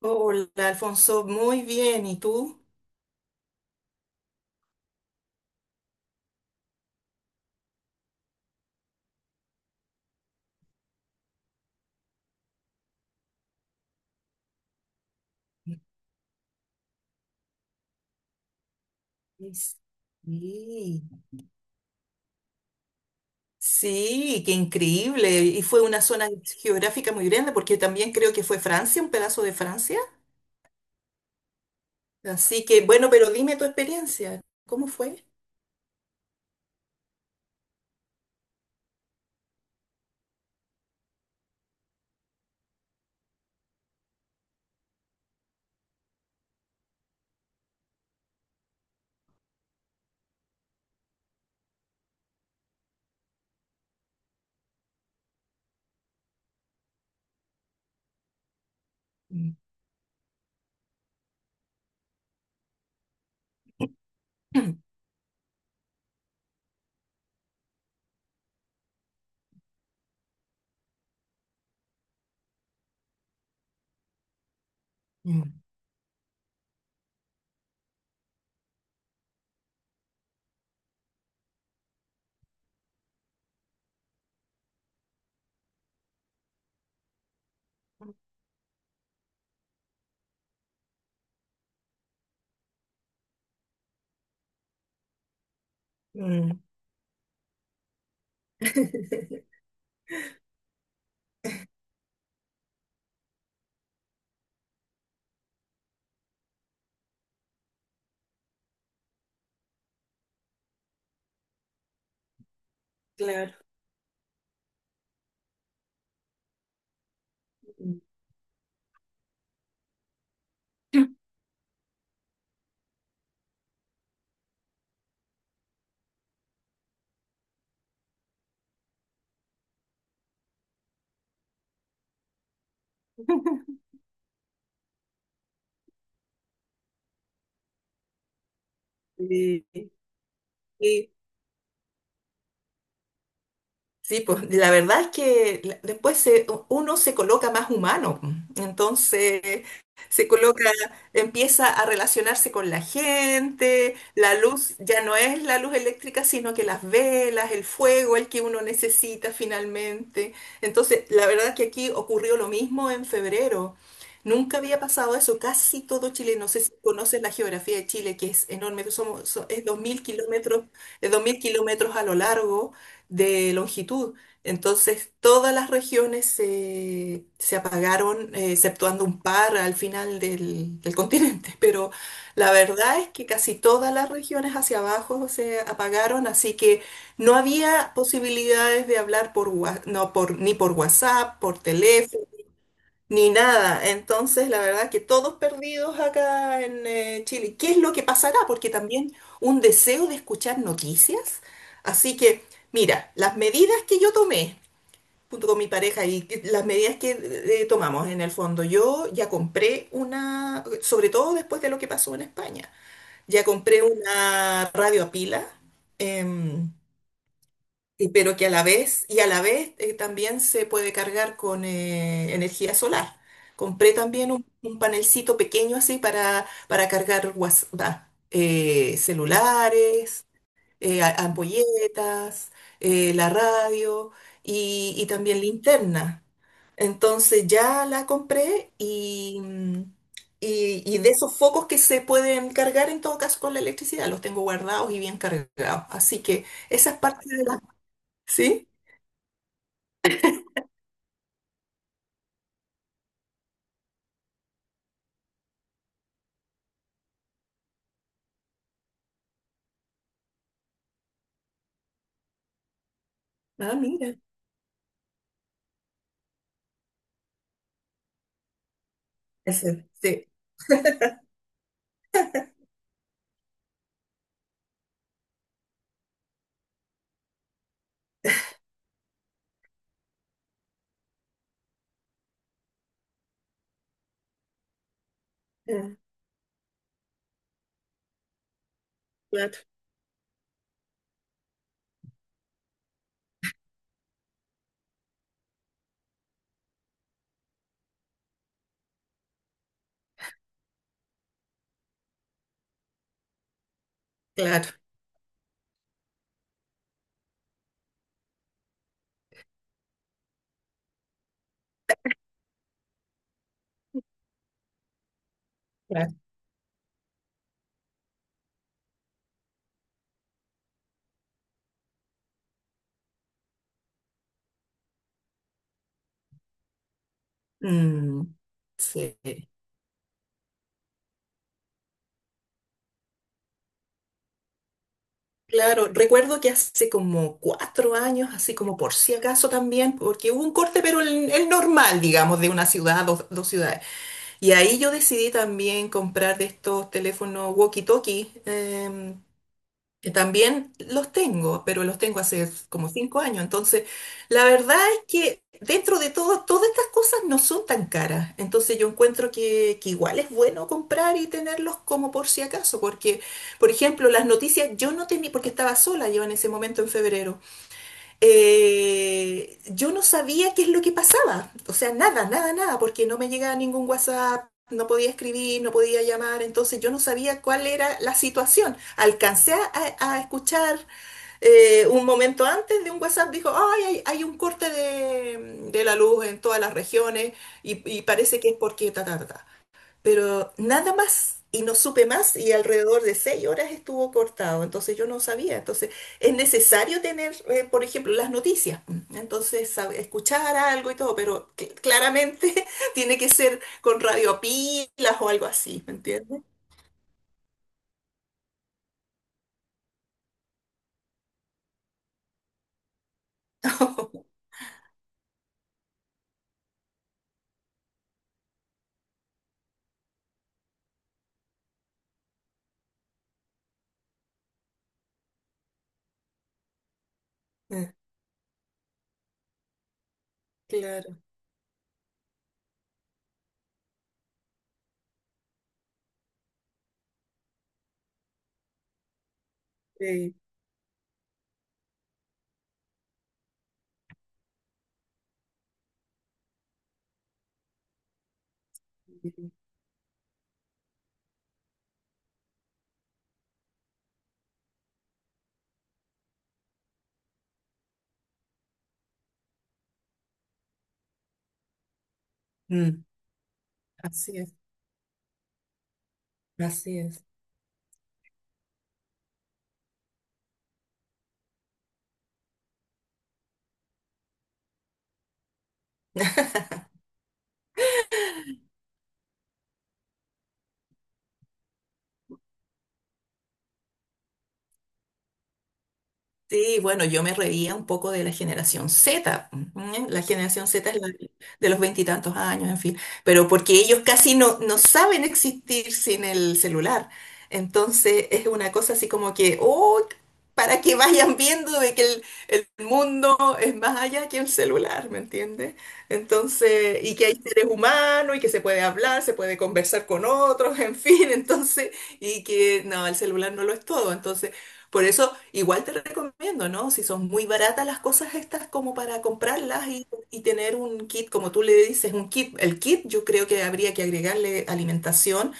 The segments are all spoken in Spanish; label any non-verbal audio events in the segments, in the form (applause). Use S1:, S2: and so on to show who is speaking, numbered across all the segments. S1: Hola, Alfonso, muy bien. ¿Y tú? Es- Sí. Sí, qué increíble. Y fue una zona geográfica muy grande porque también creo que fue Francia, un pedazo de Francia. Así que, bueno, pero dime tu experiencia. ¿Cómo fue? Mm. (clears throat) Mm. Mm. (laughs) Claro. (laughs) Sí, sí. Sí, pues la verdad es que después uno se coloca más humano, pues. Entonces se coloca, empieza a relacionarse con la gente, la luz ya no es la luz eléctrica, sino que las velas, el fuego, el que uno necesita finalmente. Entonces, la verdad es que aquí ocurrió lo mismo en febrero. Nunca había pasado eso, casi todo Chile, no sé si conoces la geografía de Chile, que es enorme, somos, es 2.000 kilómetros, es 2.000 kilómetros a lo largo de longitud. Entonces, todas las regiones se apagaron, exceptuando un par al final del (laughs) continente. Pero la verdad es que casi todas las regiones hacia abajo se apagaron, así que no había posibilidades de hablar por, no, por, ni por WhatsApp, por teléfono ni nada. Entonces, la verdad que todos perdidos acá en Chile. ¿Qué es lo que pasará? Porque también un deseo de escuchar noticias. Así que, mira, las medidas que yo tomé junto con mi pareja y las medidas que tomamos en el fondo, yo ya compré una, sobre todo después de lo que pasó en España, ya compré una radio a pila. em, pero que a la vez, también se puede cargar con energía solar. Compré también un panelcito pequeño así para cargar celulares, ampolletas, la radio y también linterna. Entonces ya la compré y de esos focos que se pueden cargar en todo caso con la electricidad, los tengo guardados y bien cargados. Así que esa es parte de la. Sí. Ah, mira. Ese, sí. Ah, claro, claro, claro. Mm, sí. Claro, recuerdo que hace como 4 años, así como por si acaso también, porque hubo un corte, pero el normal, digamos, de una ciudad, dos ciudades. Y ahí yo decidí también comprar de estos teléfonos walkie-talkie, que también los tengo, pero los tengo hace como 5 años. Entonces, la verdad es que dentro de todo, todas estas cosas no son tan caras. Entonces, yo encuentro que igual es bueno comprar y tenerlos como por si acaso, porque, por ejemplo, las noticias yo no tenía, porque estaba sola yo en ese momento en febrero, yo no sabía qué es lo que pasaba. O sea, nada, nada, nada, porque no me llegaba ningún WhatsApp, no podía escribir, no podía llamar, entonces yo no sabía cuál era la situación. Alcancé a escuchar un momento antes de un WhatsApp, dijo: "Ay, hay un corte de la luz en todas las regiones y parece que es porque ta, ta, ta, ta". Pero nada más. Y no supe más y alrededor de 6 horas estuvo cortado, entonces yo no sabía. Entonces es necesario tener, por ejemplo, las noticias, entonces escuchar algo y todo, pero claramente (laughs) tiene que ser con radio pilas o algo así, ¿me entiendes? (laughs) Eh, Claro, sí. Sí, sí. Mm, así es. Así es. (laughs) Sí, bueno, yo me reía un poco de la generación Z. ¿Eh? La generación Z es la de los veintitantos años, en fin, pero porque ellos casi no saben existir sin el celular. Entonces es una cosa así como que, oh, para que vayan viendo de que el mundo es más allá que el celular, ¿me entiendes? Entonces, y que hay seres humanos y que se puede hablar, se puede conversar con otros, en fin, (laughs) entonces, y que no, el celular no lo es todo. Entonces, por eso igual te recomiendo, ¿no? Si son muy baratas las cosas estas como para comprarlas y tener un kit, como tú le dices, un kit. El kit yo creo que habría que agregarle alimentación,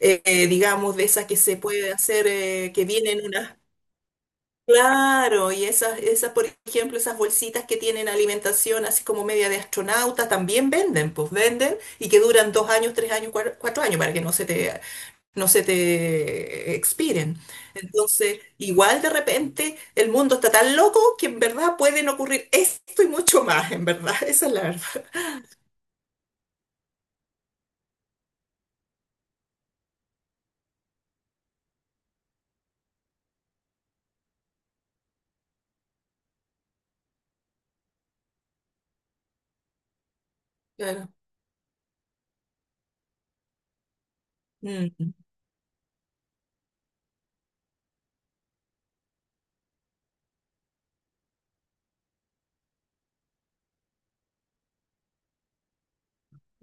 S1: digamos, de esas que se puede hacer, que vienen unas. Claro, y por ejemplo, esas bolsitas que tienen alimentación así como media de astronauta, también venden, pues venden y que duran 2 años, 3 años, cuatro años para que no se te expiren. Entonces, igual de repente el mundo está tan loco que en verdad pueden ocurrir esto y mucho más, en verdad. (laughs) Esa es la verdad. Claro. Mm,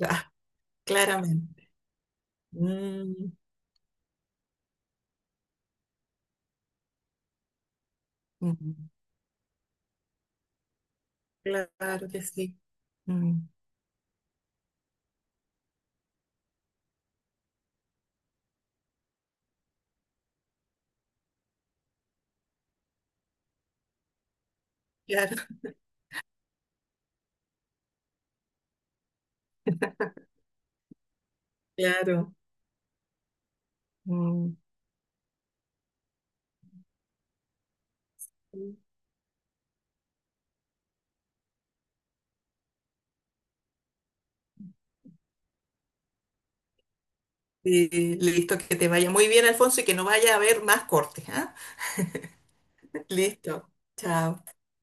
S1: ah, claramente. Mm. Mm, claro que sí. Mm, claro, claro. Mm. Sí, listo, que te vaya muy bien, Alfonso, y que no vaya a haber más cortes, ¿ah? (laughs) Listo. Chao.